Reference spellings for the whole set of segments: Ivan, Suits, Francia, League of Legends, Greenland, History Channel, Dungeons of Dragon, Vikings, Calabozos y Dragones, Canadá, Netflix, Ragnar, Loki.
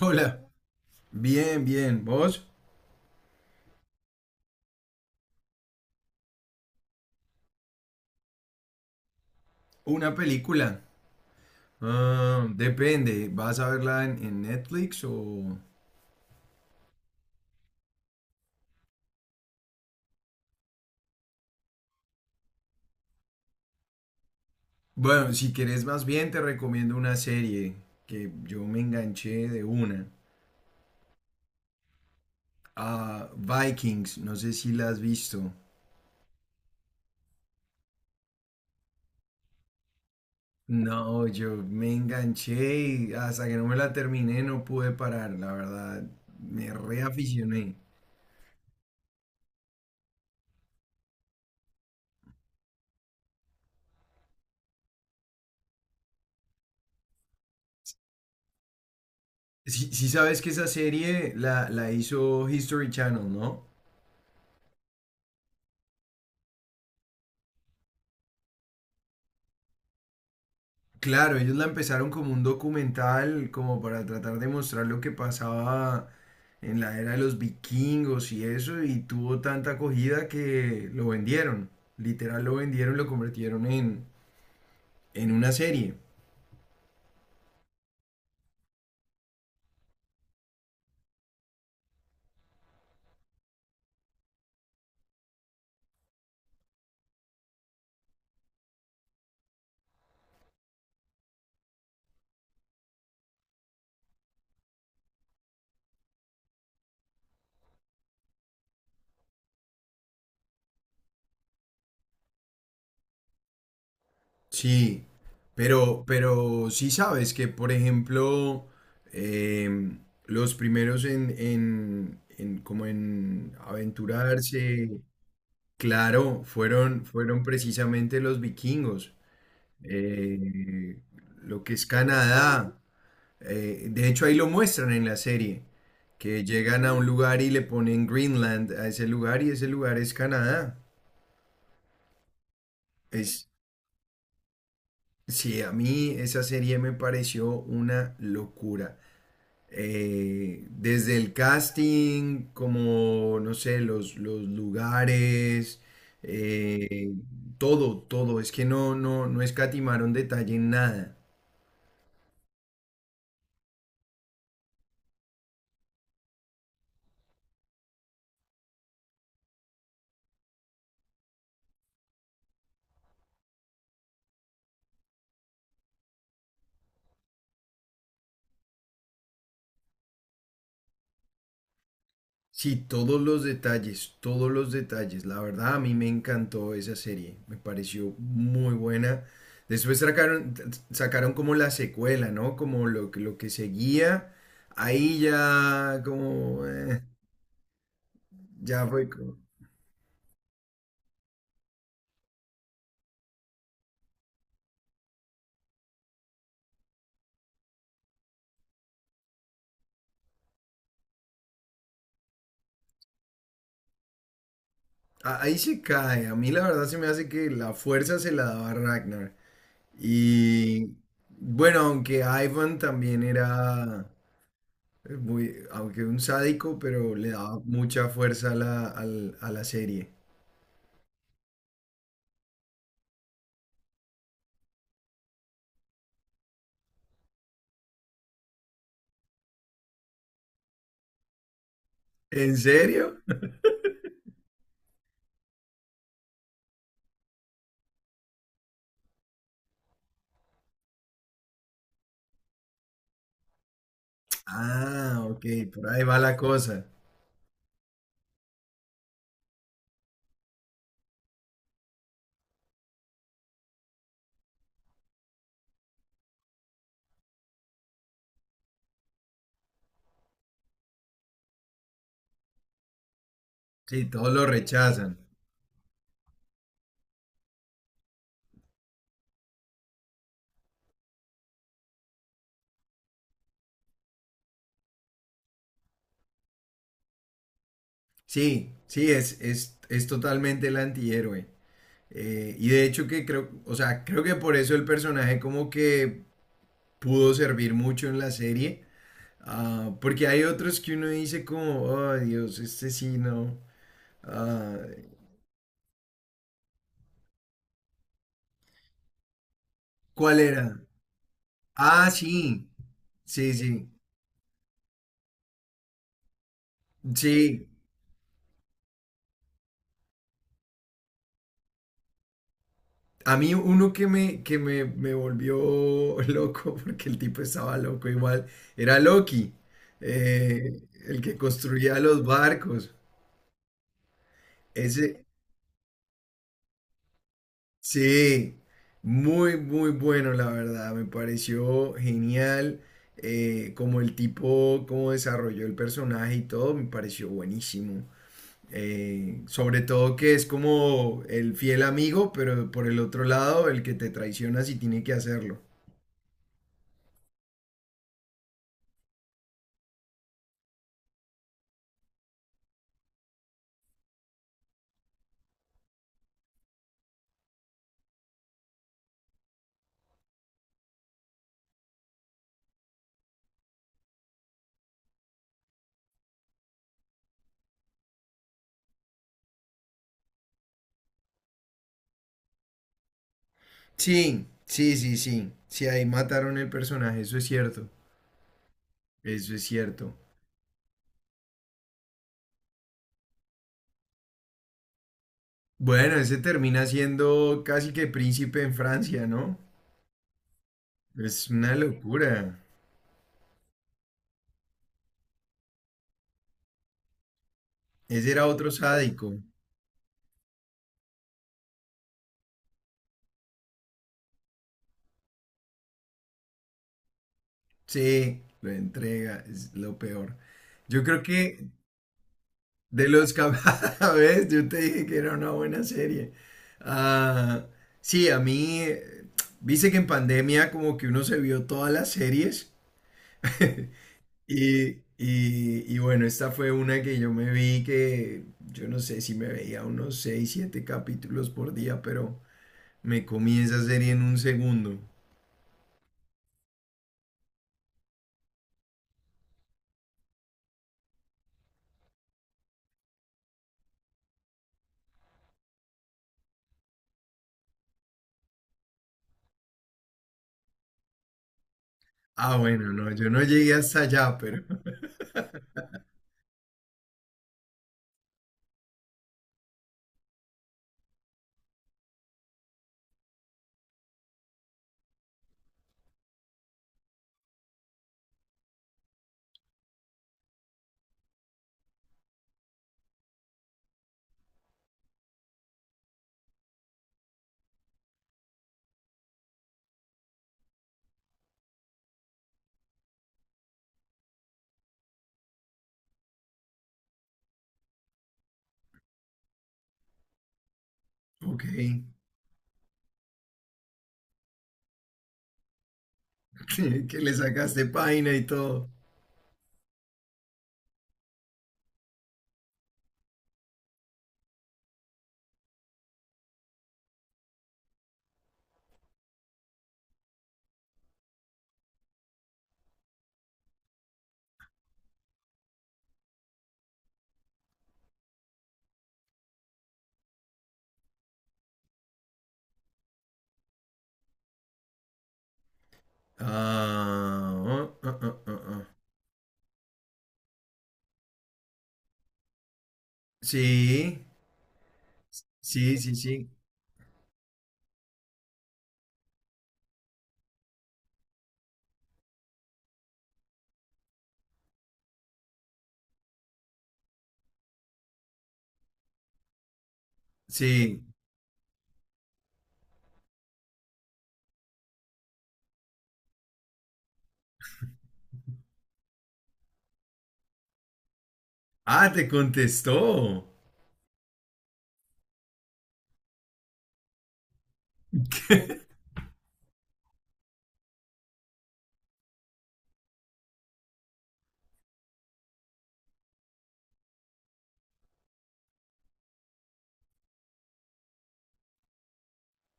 Hola, bien, bien. ¿Vos? Una película. Ah, depende, ¿vas a verla en Netflix o...? Bueno, si querés más bien te recomiendo una serie que yo me enganché de una. Ah, Vikings, no sé si la has visto. No, yo me enganché y hasta que no me la terminé no pude parar, la verdad. Me reaficioné. Si, si sabes que esa serie la hizo History Channel, ¿no? Claro, ellos la empezaron como un documental, como para tratar de mostrar lo que pasaba en la era de los vikingos y eso, y tuvo tanta acogida que lo vendieron. Literal lo vendieron, lo convirtieron en una serie. Sí, pero sí sabes que, por ejemplo, em, los primeros en como en aventurarse, claro, fueron precisamente los vikingos. Eh, lo que es Canadá. De hecho, ahí lo muestran en la serie, que llegan a un lugar y le ponen Greenland a ese lugar y ese lugar es Canadá. Es, sí, a mí esa serie me pareció una locura. Desde el casting, como, no sé, los lugares, eh, todo, todo. Es que no escatimaron detalle en nada. Sí, todos los detalles, todos los detalles. La verdad, a mí me encantó esa serie. Me pareció muy buena. Después sacaron, Sacaron como la secuela, ¿no? Como lo que seguía. Ahí ya, como, ya fue. Ahí se cae. A mí la verdad se me hace que la fuerza se la daba Ragnar. Y bueno, aunque Ivan también era muy, aunque un sádico, pero le daba mucha fuerza a a la serie. ¿En serio? Ah, ok, por ahí va la cosa. Sí, todos lo rechazan. Sí, sí, es totalmente el antihéroe. Y de hecho que creo, o sea, creo que por eso el personaje como que pudo servir mucho en la serie. Ah, porque hay otros que uno dice como, oh Dios, este sí no. Ah, ¿cuál era? Ah, sí, sí, sí, sí. A mí uno que me volvió loco, porque el tipo estaba loco igual, era Loki, eh, el que construía los barcos. Ese, sí, muy, muy bueno, la verdad. Me pareció genial. Como el tipo, cómo desarrolló el personaje y todo, me pareció buenísimo. Sobre todo que es como el fiel amigo, pero por el otro lado, el que te traiciona si tiene que hacerlo. Sí, sí, sí, sí. Sí, ahí mataron el personaje, eso es cierto. Eso es cierto. Bueno, ese termina siendo casi que príncipe en Francia, ¿no? Es una locura. Ese era otro sádico. Sí, lo entrega, es lo peor. Yo creo que de los a ¿ves? Yo te dije que era una buena serie. Ah, sí, a mí, viste que en pandemia como que uno se vio todas las series. Y, y bueno, esta fue una que yo me vi que yo no sé si me veía unos 6 7 capítulos por día, pero me comí esa serie en un segundo. Ah, bueno, no, yo no llegué hasta allá, pero ok, que le sacaste página y todo. Ah, ah, ah, ah, ah. Ah. Sí, sí, sí, sí, sí. Ah, te contestó.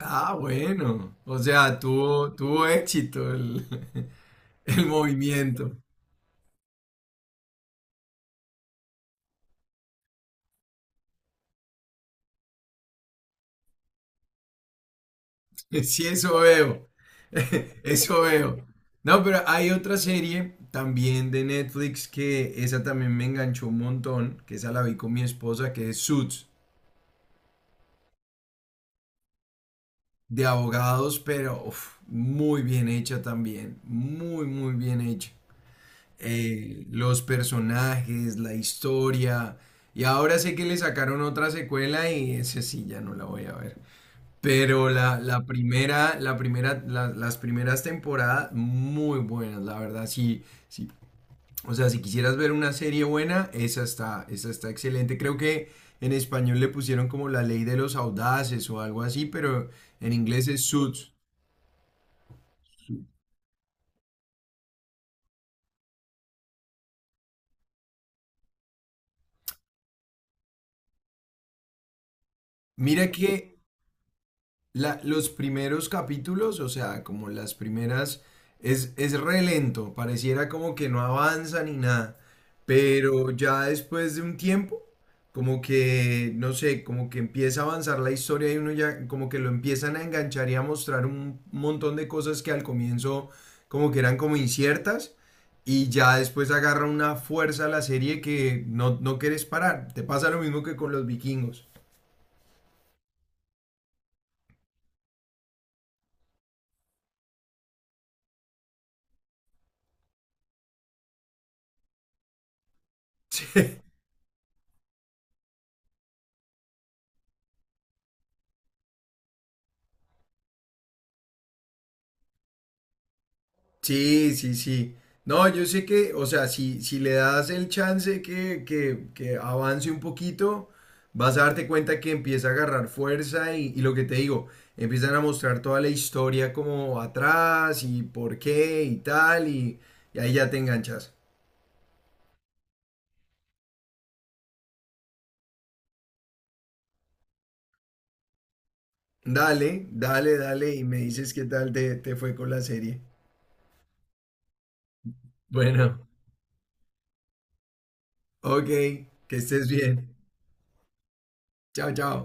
Ah, bueno, o sea, tuvo, tuvo éxito el... El movimiento. Sí, eso veo. Eso veo. No, pero hay otra serie también de Netflix que esa también me enganchó un montón, que esa la vi con mi esposa, que es Suits, de abogados, pero uf, muy bien hecha también. Muy, muy bien hecha. Los personajes, la historia. Y ahora sé que le sacaron otra secuela y ese sí ya no la voy a ver. Pero la primera, las primeras temporadas muy buenas, la verdad, sí, sí. O sea, si quisieras ver una serie buena, esa está excelente. Creo que en español le pusieron como la ley de los audaces o algo así, pero en inglés es Suits. Mira que los primeros capítulos, o sea, como las primeras, es re lento, pareciera como que no avanza ni nada, pero ya después de un tiempo, como que, no sé, como que empieza a avanzar la historia y uno ya, como que lo empiezan a enganchar y a mostrar un montón de cosas que al comienzo como que eran como inciertas. Y ya después agarra una fuerza la serie que no, no quieres parar. Te pasa lo mismo que con los vikingos. Sí, sí, sí. No, yo sé que, o sea, si, si le das el chance que avance un poquito, vas a darte cuenta que empieza a agarrar fuerza y lo que te digo, empiezan a mostrar toda la historia como atrás y por qué y tal, y ahí ya te enganchas. Dale, dale, dale, y me dices qué tal te fue con la serie. Bueno, ok, que estés bien. Chao, chao.